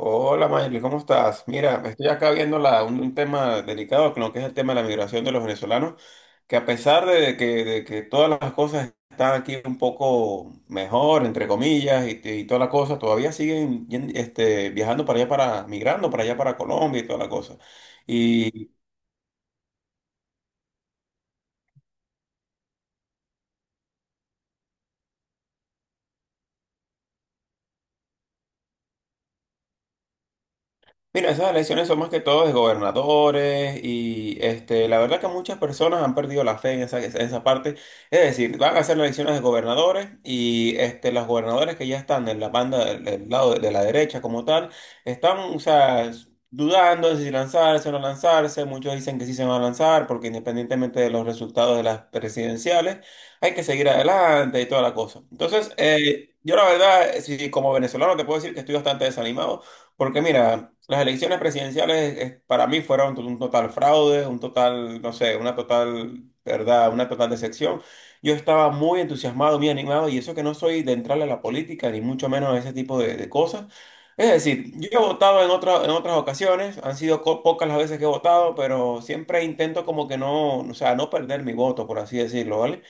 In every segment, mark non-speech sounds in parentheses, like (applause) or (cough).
Hola, Mayli, ¿cómo estás? Mira, estoy acá viendo un tema delicado, con lo que es el tema de la migración de los venezolanos, que a pesar de que todas las cosas están aquí un poco mejor, entre comillas, y toda la cosa, todavía siguen viajando para allá, para, migrando para allá, para Colombia y toda la cosa. Mira, esas elecciones son más que todo de gobernadores y la verdad que muchas personas han perdido la fe en esa parte. Es decir, van a hacer las elecciones de gobernadores y los gobernadores que ya están en la banda del lado de la derecha como tal, están, o sea, dudando de si lanzarse o no lanzarse. Muchos dicen que sí se van a lanzar porque independientemente de los resultados de las presidenciales, hay que seguir adelante y toda la cosa. Entonces, yo la verdad, si como venezolano te puedo decir que estoy bastante desanimado. Porque mira, las elecciones presidenciales para mí fueron un total fraude, un total, no sé, una total, ¿verdad? Una total decepción. Yo estaba muy entusiasmado, muy animado, y eso que no soy de entrarle a la política, ni mucho menos a ese tipo de, cosas. Es decir, yo he votado en en otras ocasiones, han sido pocas las veces que he votado, pero siempre intento como que no, o sea, no perder mi voto, por así decirlo, ¿vale?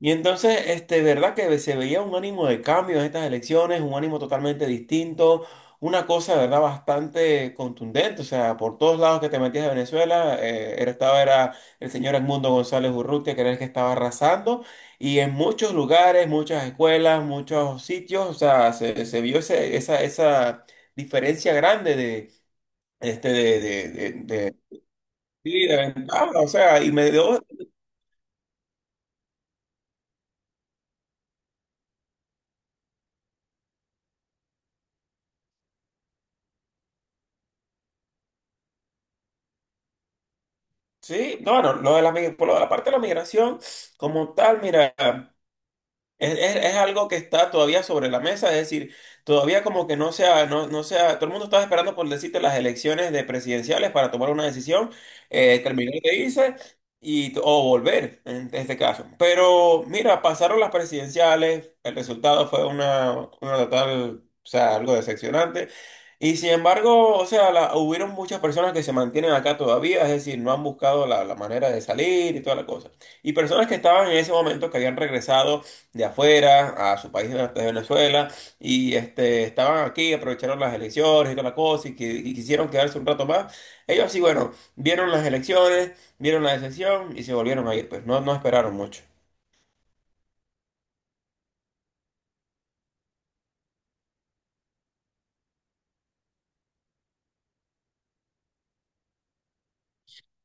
Y entonces, verdad que se veía un ánimo de cambio en estas elecciones, un ánimo totalmente distinto, una cosa, verdad, bastante contundente. O sea, por todos lados que te metías de Venezuela, era- estaba era el señor Edmundo González Urrutia, que era el que estaba arrasando. Y en muchos lugares, muchas escuelas, muchos sitios, o sea, se vio esa diferencia grande de, este, de, de, de, de- sí, de ventaja. O sea, y me dio. Sí, no, bueno, lo de por lo de la parte de la migración, como tal, mira. Es algo que está todavía sobre la mesa, es decir, todavía como que no sea, todo el mundo estaba esperando por decirte las elecciones de presidenciales para tomar una decisión, terminar de irse y, o volver en este caso. Pero mira, pasaron las presidenciales, el resultado fue una total, o sea, algo decepcionante. Y sin embargo, o sea, la- hubieron muchas personas que se mantienen acá todavía, es decir, no han buscado la manera de salir y toda la cosa. Y personas que estaban en ese momento, que habían regresado de afuera a su país de Venezuela y estaban aquí, aprovecharon las elecciones y toda la cosa y, que, y quisieron quedarse un rato más. Ellos sí, bueno, vieron las elecciones, vieron la decepción y se volvieron a ir, pues no, no esperaron mucho.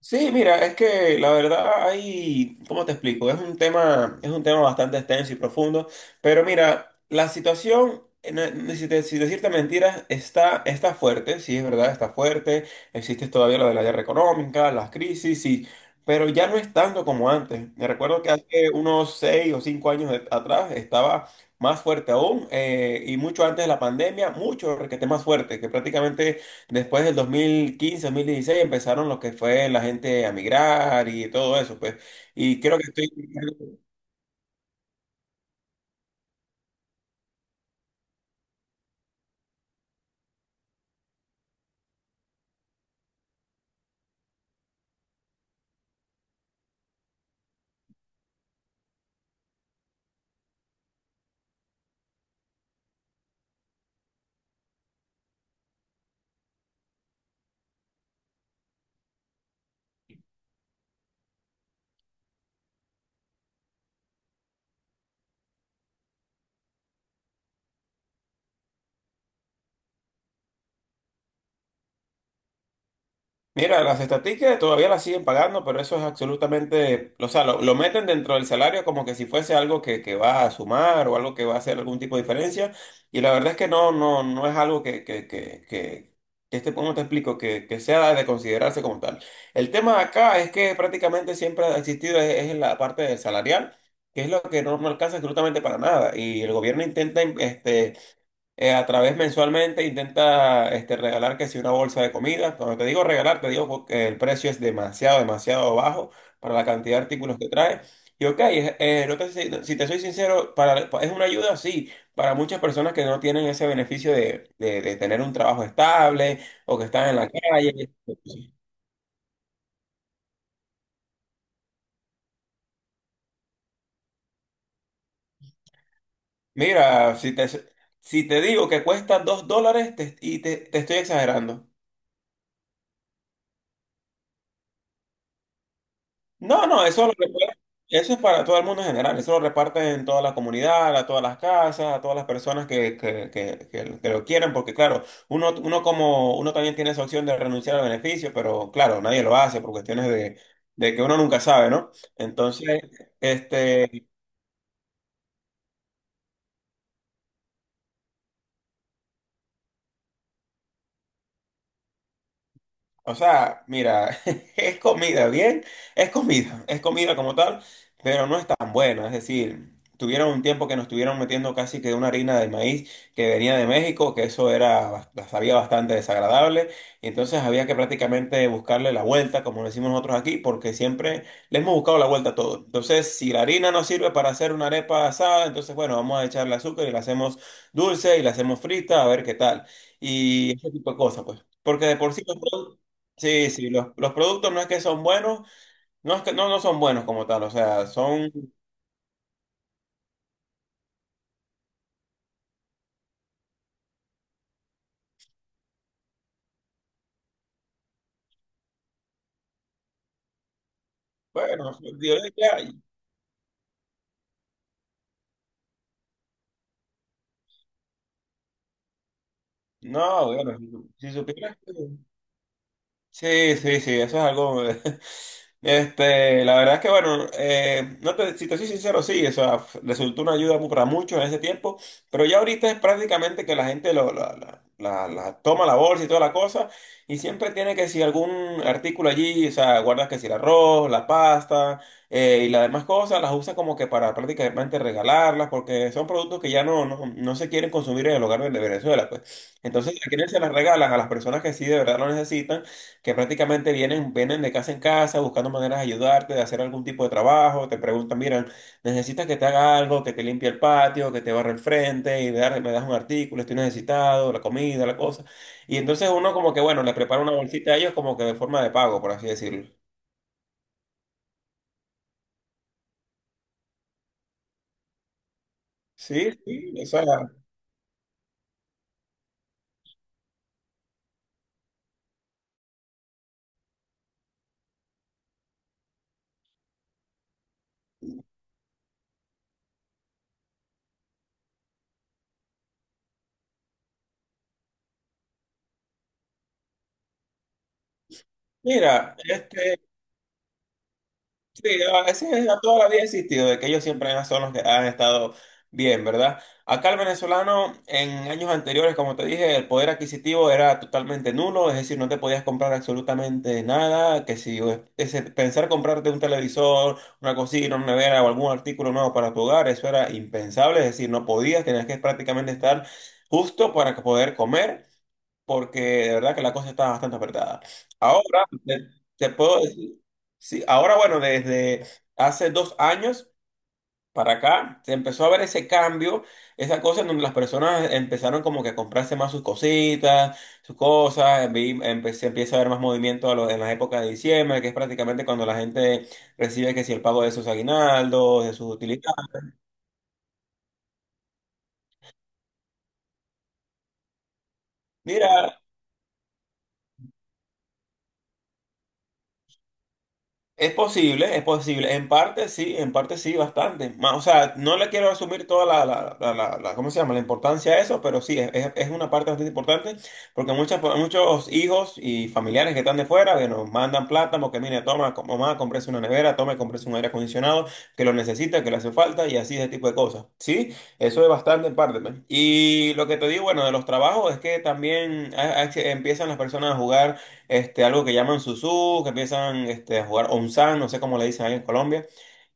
Sí, mira, es que la verdad hay, ¿cómo te explico? Es un tema bastante extenso y profundo, pero mira, la situación, si, si decirte mentiras, está, está fuerte, sí, es verdad, está fuerte, existe todavía lo de la guerra económica, las crisis, sí, pero ya no es tanto como antes. Me recuerdo que hace unos 6 o 5 años atrás estaba más fuerte aún, y mucho antes de la pandemia, mucho, requete más fuerte, que prácticamente... Después del 2015 2016 empezaron lo que fue la gente a migrar y todo eso, pues. Y creo que estoy. Mira, las estatísticas todavía las siguen pagando, pero eso es absolutamente, o sea, lo meten dentro del salario como que si fuese algo que va a sumar o algo que va a hacer algún tipo de diferencia. Y la verdad es que no, no, no es algo que ¿cómo te explico? Que sea de considerarse como tal. El tema acá es que prácticamente siempre ha existido es en la parte del salarial, que es lo que no, no alcanza absolutamente para nada. Y el gobierno intenta, a través mensualmente intenta regalar que si una bolsa de comida. Cuando te digo regalar, te digo porque el precio es demasiado, demasiado bajo para la cantidad de artículos que trae. Y ok, no si no, si te soy sincero, para, es una ayuda, sí, para muchas personas que no tienen ese beneficio de, de tener un trabajo estable o que están en la calle. Mira, si te digo que cuesta $2 y te estoy exagerando. No, no, eso, eso es para todo el mundo en general, eso lo reparten en toda la comunidad, a todas las casas, a todas las personas que, que lo quieren, porque claro, uno, uno como uno también tiene esa opción de renunciar al beneficio, pero claro, nadie lo hace por cuestiones de que uno nunca sabe, ¿no? Entonces, este, o sea, mira, (laughs) es comida, bien, es comida como tal, pero no es tan buena. Es decir, tuvieron un tiempo que nos estuvieron metiendo casi que una harina de maíz que venía de México, que eso era, sabía bastante desagradable, y entonces había que prácticamente buscarle la vuelta, como lo decimos nosotros aquí, porque siempre le hemos buscado la vuelta a todo. Entonces, si la harina no sirve para hacer una arepa asada, entonces bueno, vamos a echarle azúcar y la hacemos dulce y la hacemos frita, a ver qué tal. Y ese tipo de cosas, pues. Porque de por sí los productos, sí, sí, los productos no es que son buenos, no es que no, no son buenos como tal, o sea, son buenos. Yo diría, no, bueno, si supieras que- sí, sí, sí, eso es algo. (laughs) Este, la verdad es que, bueno, no si te soy sincero, sí, o sea, resultó una ayuda para muchos en ese tiempo, pero ya ahorita es prácticamente que la gente lo, la- la- la toma la bolsa y toda la cosa, y siempre tiene que si algún artículo allí, o sea, guardas que si el arroz, la pasta y las demás cosas, las usa como que para prácticamente regalarlas, porque son productos que ya no, no, no se quieren consumir en el hogar de Venezuela, pues. Entonces, a quienes se las regalan, a las personas que sí de verdad lo necesitan, que prácticamente vienen de casa en casa buscando maneras de ayudarte, de hacer algún tipo de trabajo, te preguntan, miran, necesitas que te haga algo, que te limpie el patio, que te barre el frente, y me das un artículo, estoy necesitado, la comida, la cosa. Y entonces uno como que, bueno, les prepara una bolsita a ellos como que de forma de pago, por así decirlo. Sí, sí, o sea, mira, sí, ese a toda la vida ha existido, de que ellos siempre son los que han estado bien, ¿verdad? Acá el venezolano en años anteriores, como te dije, el poder adquisitivo era totalmente nulo, es decir, no te podías comprar absolutamente nada, que si pensar comprarte un televisor, una cocina, una nevera o algún artículo nuevo para tu hogar, eso era impensable, es decir, no podías, tenías que prácticamente estar justo para poder comer porque de verdad que la cosa está bastante apretada. Ahora, te puedo decir, sí, ahora bueno, desde hace 2 años para acá, se empezó a ver ese cambio, esa cosa en donde las personas empezaron como que a comprarse más sus cositas, sus cosas, se empieza a ver más movimiento en la época de diciembre, que es prácticamente cuando la gente recibe que si el pago de sus aguinaldos, de sus utilidades. Mira, es posible, es posible. En parte sí, bastante. O sea, no le quiero asumir toda ¿cómo se llama? La importancia a eso, pero sí, es una parte bastante importante porque muchos hijos y familiares que están de fuera que nos mandan plata porque, mire, toma, mamá, cómprese una nevera, toma, y cómprese un aire acondicionado que lo necesita, que le hace falta y así ese tipo de cosas. Sí, eso es bastante en parte, pues. Y lo que te digo, bueno, de los trabajos es que también empiezan las personas a jugar algo que llaman susú, que empiezan a jugar onzán, no sé cómo le dicen ahí en Colombia.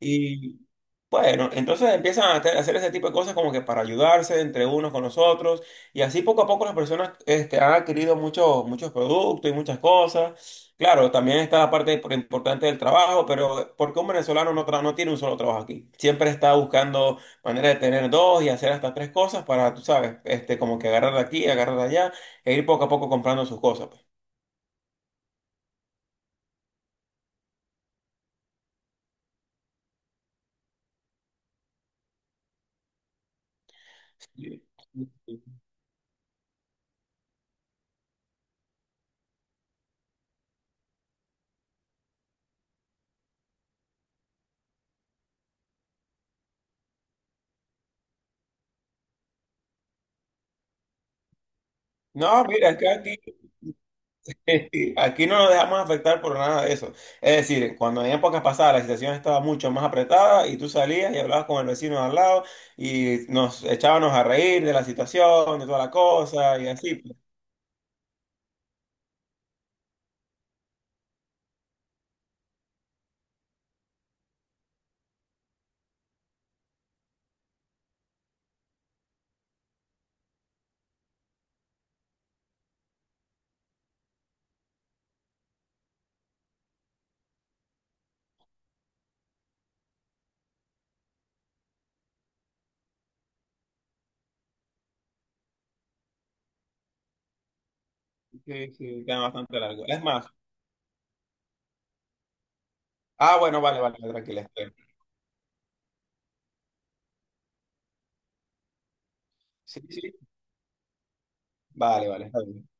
Y bueno, entonces empiezan a hacer ese tipo de cosas como que para ayudarse entre unos con los otros. Y así poco a poco las personas han adquirido muchos, muchos productos y muchas cosas. Claro, también está la parte importante del trabajo, pero porque un venezolano no, no tiene un solo trabajo aquí. Siempre está buscando manera de tener dos y hacer hasta tres cosas para, tú sabes, como que agarrar de aquí, agarrar de allá e ir poco a poco comprando sus cosas. No, mira, es que aquí, aquí no nos dejamos afectar por nada de eso. Es decir, cuando en épocas pasadas la situación estaba mucho más apretada y tú salías y hablabas con el vecino de al lado y nos echábamos a reír de la situación, de toda la cosa y así, pues. Sí, sí, queda bastante largo. Es más, bueno, vale, vale, tranquila, estoy. Sí, sí, vale, vale, está bien.